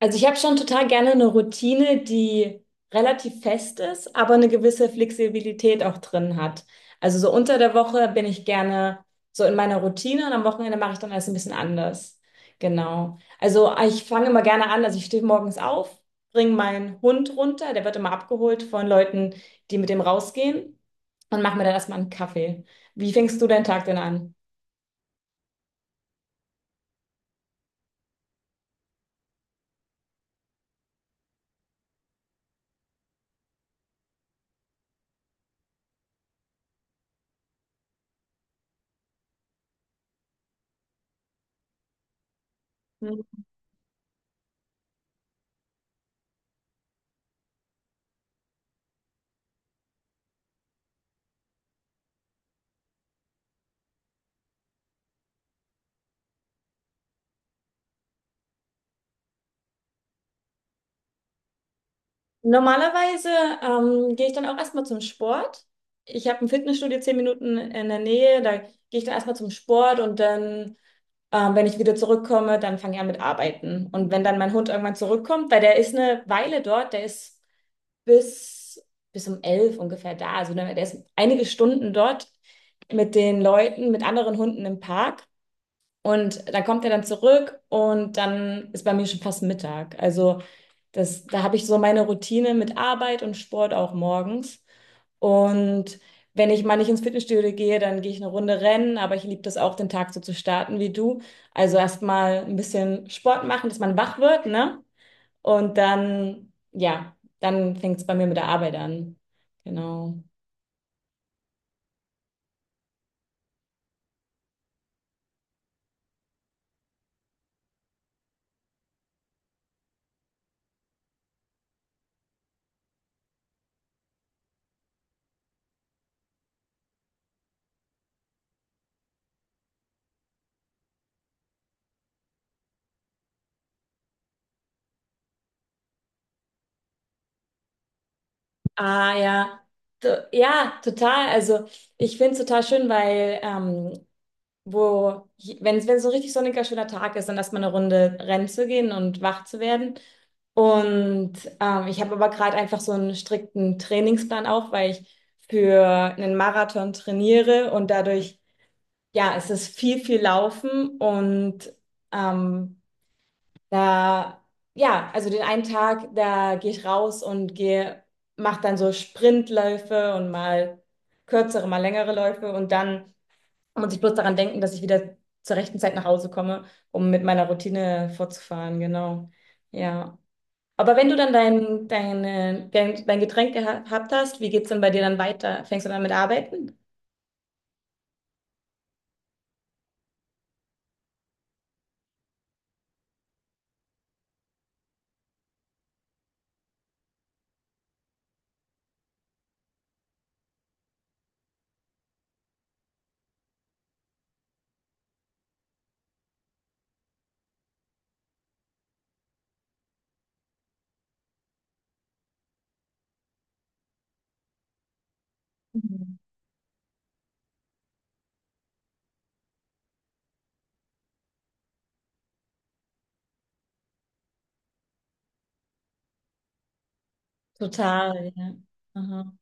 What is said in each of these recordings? Also ich habe schon total gerne eine Routine, die relativ fest ist, aber eine gewisse Flexibilität auch drin hat. Also so unter der Woche bin ich gerne so in meiner Routine und am Wochenende mache ich dann alles ein bisschen anders. Genau. Also ich fange immer gerne an, also ich stehe morgens auf, bringe meinen Hund runter, der wird immer abgeholt von Leuten, die mit dem rausgehen und mache mir dann erstmal einen Kaffee. Wie fängst du deinen Tag denn an? Normalerweise gehe ich dann auch erstmal zum Sport. Ich habe ein Fitnessstudio 10 Minuten in der Nähe, da gehe ich dann erstmal zum Sport und dann wenn ich wieder zurückkomme, dann fange ich an mit Arbeiten. Und wenn dann mein Hund irgendwann zurückkommt, weil der ist eine Weile dort, der ist bis, bis um 11 ungefähr da, also der ist einige Stunden dort mit den Leuten, mit anderen Hunden im Park. Und dann kommt er dann zurück und dann ist bei mir schon fast Mittag. Also da habe ich so meine Routine mit Arbeit und Sport auch morgens. Und wenn ich mal nicht ins Fitnessstudio gehe, dann gehe ich eine Runde rennen, aber ich liebe das auch, den Tag so zu starten wie du. Also erstmal ein bisschen Sport machen, dass man wach wird, ne? Und dann, ja, dann fängt es bei mir mit der Arbeit an. Genau. Ah ja, ja, total. Also ich finde es total schön, weil wo, wenn es so ein richtig sonniger, schöner Tag ist, dann erstmal eine Runde rennen zu gehen und wach zu werden. Und ich habe aber gerade einfach so einen strikten Trainingsplan auch, weil ich für einen Marathon trainiere und dadurch, ja, es ist viel, viel Laufen und ähm, da, ja, also den einen Tag, da gehe ich raus und mache dann so Sprintläufe und mal kürzere, mal längere Läufe und dann muss ich bloß daran denken, dass ich wieder zur rechten Zeit nach Hause komme, um mit meiner Routine fortzufahren, genau. Ja. Aber wenn du dann dein Getränk gehabt hast, wie geht's denn bei dir dann weiter? Fängst du dann mit Arbeiten? Mhm. Total, ja. Aha.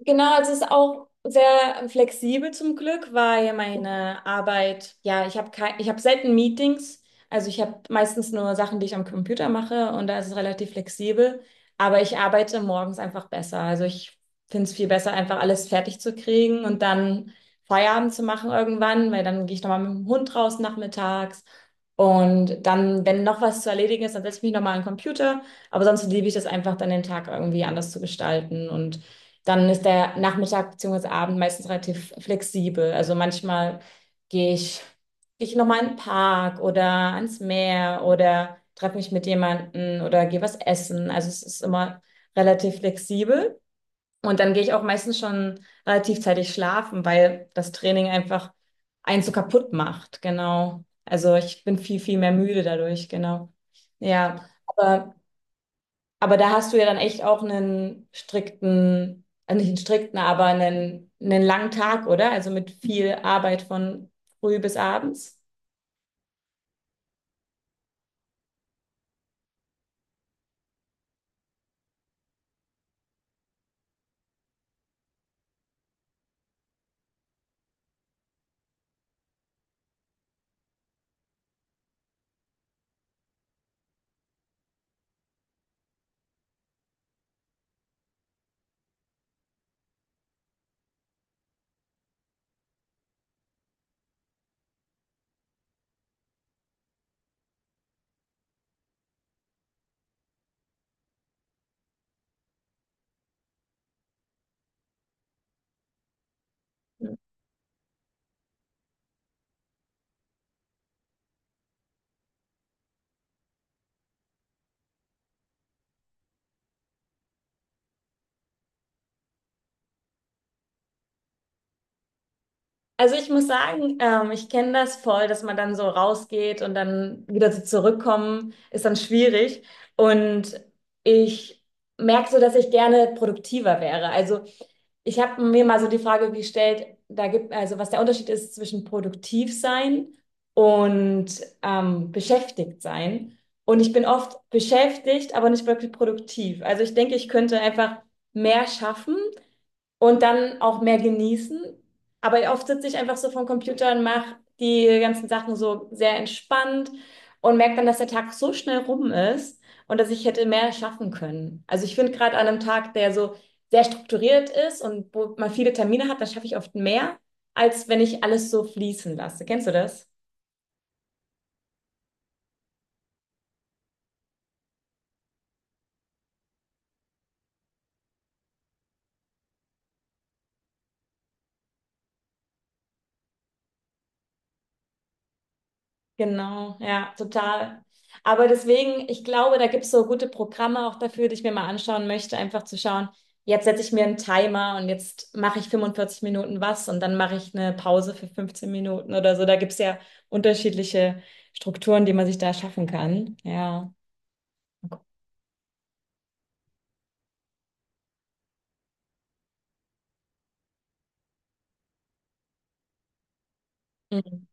Genau, also es ist auch sehr flexibel zum Glück, weil meine Arbeit, ja, ich habe kein, ich habe selten Meetings, also ich habe meistens nur Sachen, die ich am Computer mache und da ist es relativ flexibel, aber ich arbeite morgens einfach besser. Also ich finde es viel besser, einfach alles fertig zu kriegen und dann Feierabend zu machen irgendwann, weil dann gehe ich nochmal mit dem Hund raus nachmittags und dann, wenn noch was zu erledigen ist, dann setze ich mich nochmal an den Computer, aber sonst liebe ich das einfach, dann den Tag irgendwie anders zu gestalten und dann ist der Nachmittag bzw. Abend meistens relativ flexibel. Also manchmal gehe ich, gehe ich nochmal in den Park oder ans Meer oder treffe mich mit jemandem oder gehe was essen. Also es ist immer relativ flexibel. Und dann gehe ich auch meistens schon relativ zeitig schlafen, weil das Training einfach einen so kaputt macht. Genau. Also ich bin viel, viel mehr müde dadurch. Genau. Ja. Aber aber da hast du ja dann echt auch einen strikten, also nicht einen strikten, aber einen langen Tag, oder? Also mit viel Arbeit von früh bis abends. Also ich muss sagen, ich kenne das voll, dass man dann so rausgeht und dann wieder so zurückkommen, ist dann schwierig. Und ich merke so, dass ich gerne produktiver wäre. Also ich habe mir mal so die Frage gestellt, also was der Unterschied ist zwischen produktiv sein und beschäftigt sein. Und ich bin oft beschäftigt, aber nicht wirklich produktiv. Also ich denke, ich könnte einfach mehr schaffen und dann auch mehr genießen. Aber oft sitze ich einfach so vom Computer und mache die ganzen Sachen so sehr entspannt und merke dann, dass der Tag so schnell rum ist und dass ich hätte mehr schaffen können. Also ich finde gerade an einem Tag, der so sehr strukturiert ist und wo man viele Termine hat, da schaffe ich oft mehr, als wenn ich alles so fließen lasse. Kennst du das? Genau, ja, total. Aber deswegen, ich glaube, da gibt es so gute Programme auch dafür, die ich mir mal anschauen möchte, einfach zu schauen, jetzt setze ich mir einen Timer und jetzt mache ich 45 Minuten was und dann mache ich eine Pause für 15 Minuten oder so. Da gibt es ja unterschiedliche Strukturen, die man sich da schaffen kann. Ja. Mhm,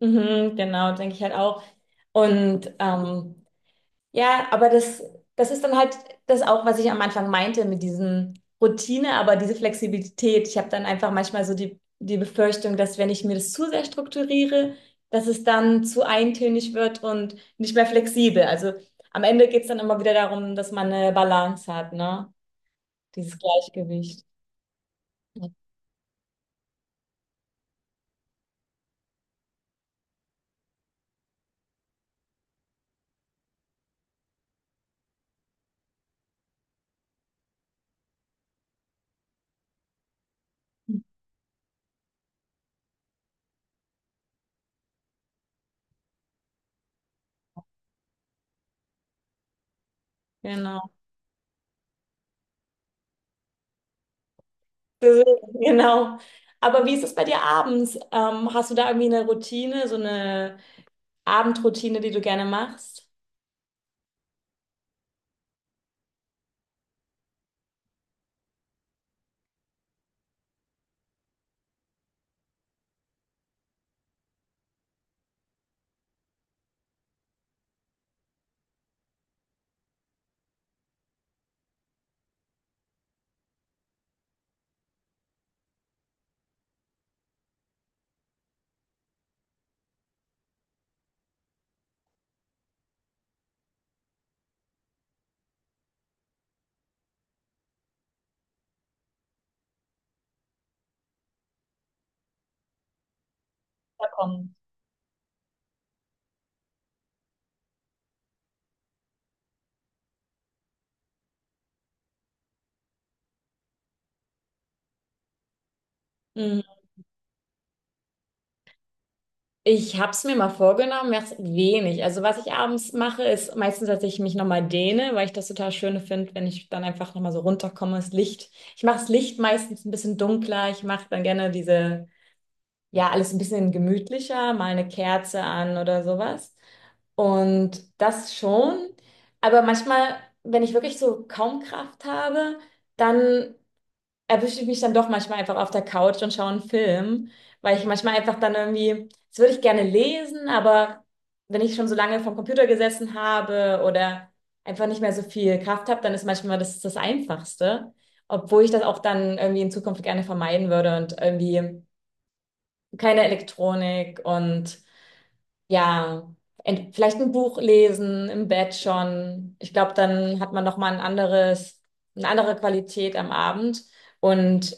mhm, genau, denke ich halt auch. Und ja, aber das ist dann halt das auch, was ich am Anfang meinte mit diesem Routine, aber diese Flexibilität. Ich habe dann einfach manchmal so die Befürchtung, dass wenn ich mir das zu sehr strukturiere, dass es dann zu eintönig wird und nicht mehr flexibel. Also am Ende geht es dann immer wieder darum, dass man eine Balance hat, ne? Dieses Gleichgewicht. Genau. Deswegen, genau. Aber wie ist es bei dir abends? Hast du da irgendwie eine Routine, so eine Abendroutine, die du gerne machst? Da kommt. Mhm. Ich habe es mir mal vorgenommen, mach's wenig. Also was ich abends mache, ist meistens, dass ich mich nochmal dehne, weil ich das total schön finde, wenn ich dann einfach nochmal so runterkomme, das Licht. Ich mache das Licht meistens ein bisschen dunkler. Ich mache dann gerne diese, ja, alles ein bisschen gemütlicher, mal eine Kerze an oder sowas. Und das schon. Aber manchmal, wenn ich wirklich so kaum Kraft habe, dann erwische ich mich dann doch manchmal einfach auf der Couch und schaue einen Film, weil ich manchmal einfach dann irgendwie, das würde ich gerne lesen, aber wenn ich schon so lange vom Computer gesessen habe oder einfach nicht mehr so viel Kraft habe, dann ist manchmal das das Einfachste, obwohl ich das auch dann irgendwie in Zukunft gerne vermeiden würde und irgendwie keine Elektronik und ja, vielleicht ein Buch lesen, im Bett schon. Ich glaube, dann hat man noch mal ein anderes, eine andere Qualität am Abend und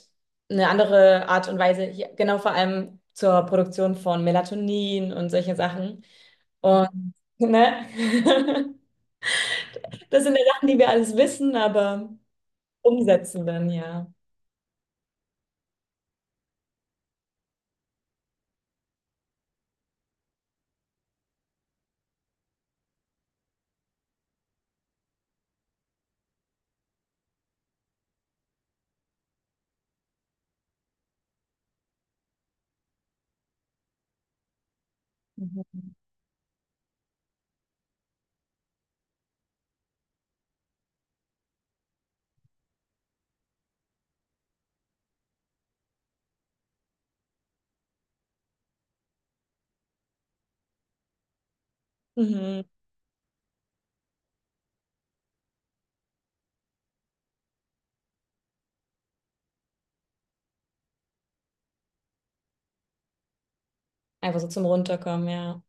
eine andere Art und Weise, hier, genau vor allem zur Produktion von Melatonin und solche Sachen. Und ne? Das sind ja Sachen, die wir alles wissen, aber umsetzen dann, ja. Mhm. Mhm. Einfach so zum Runterkommen, ja.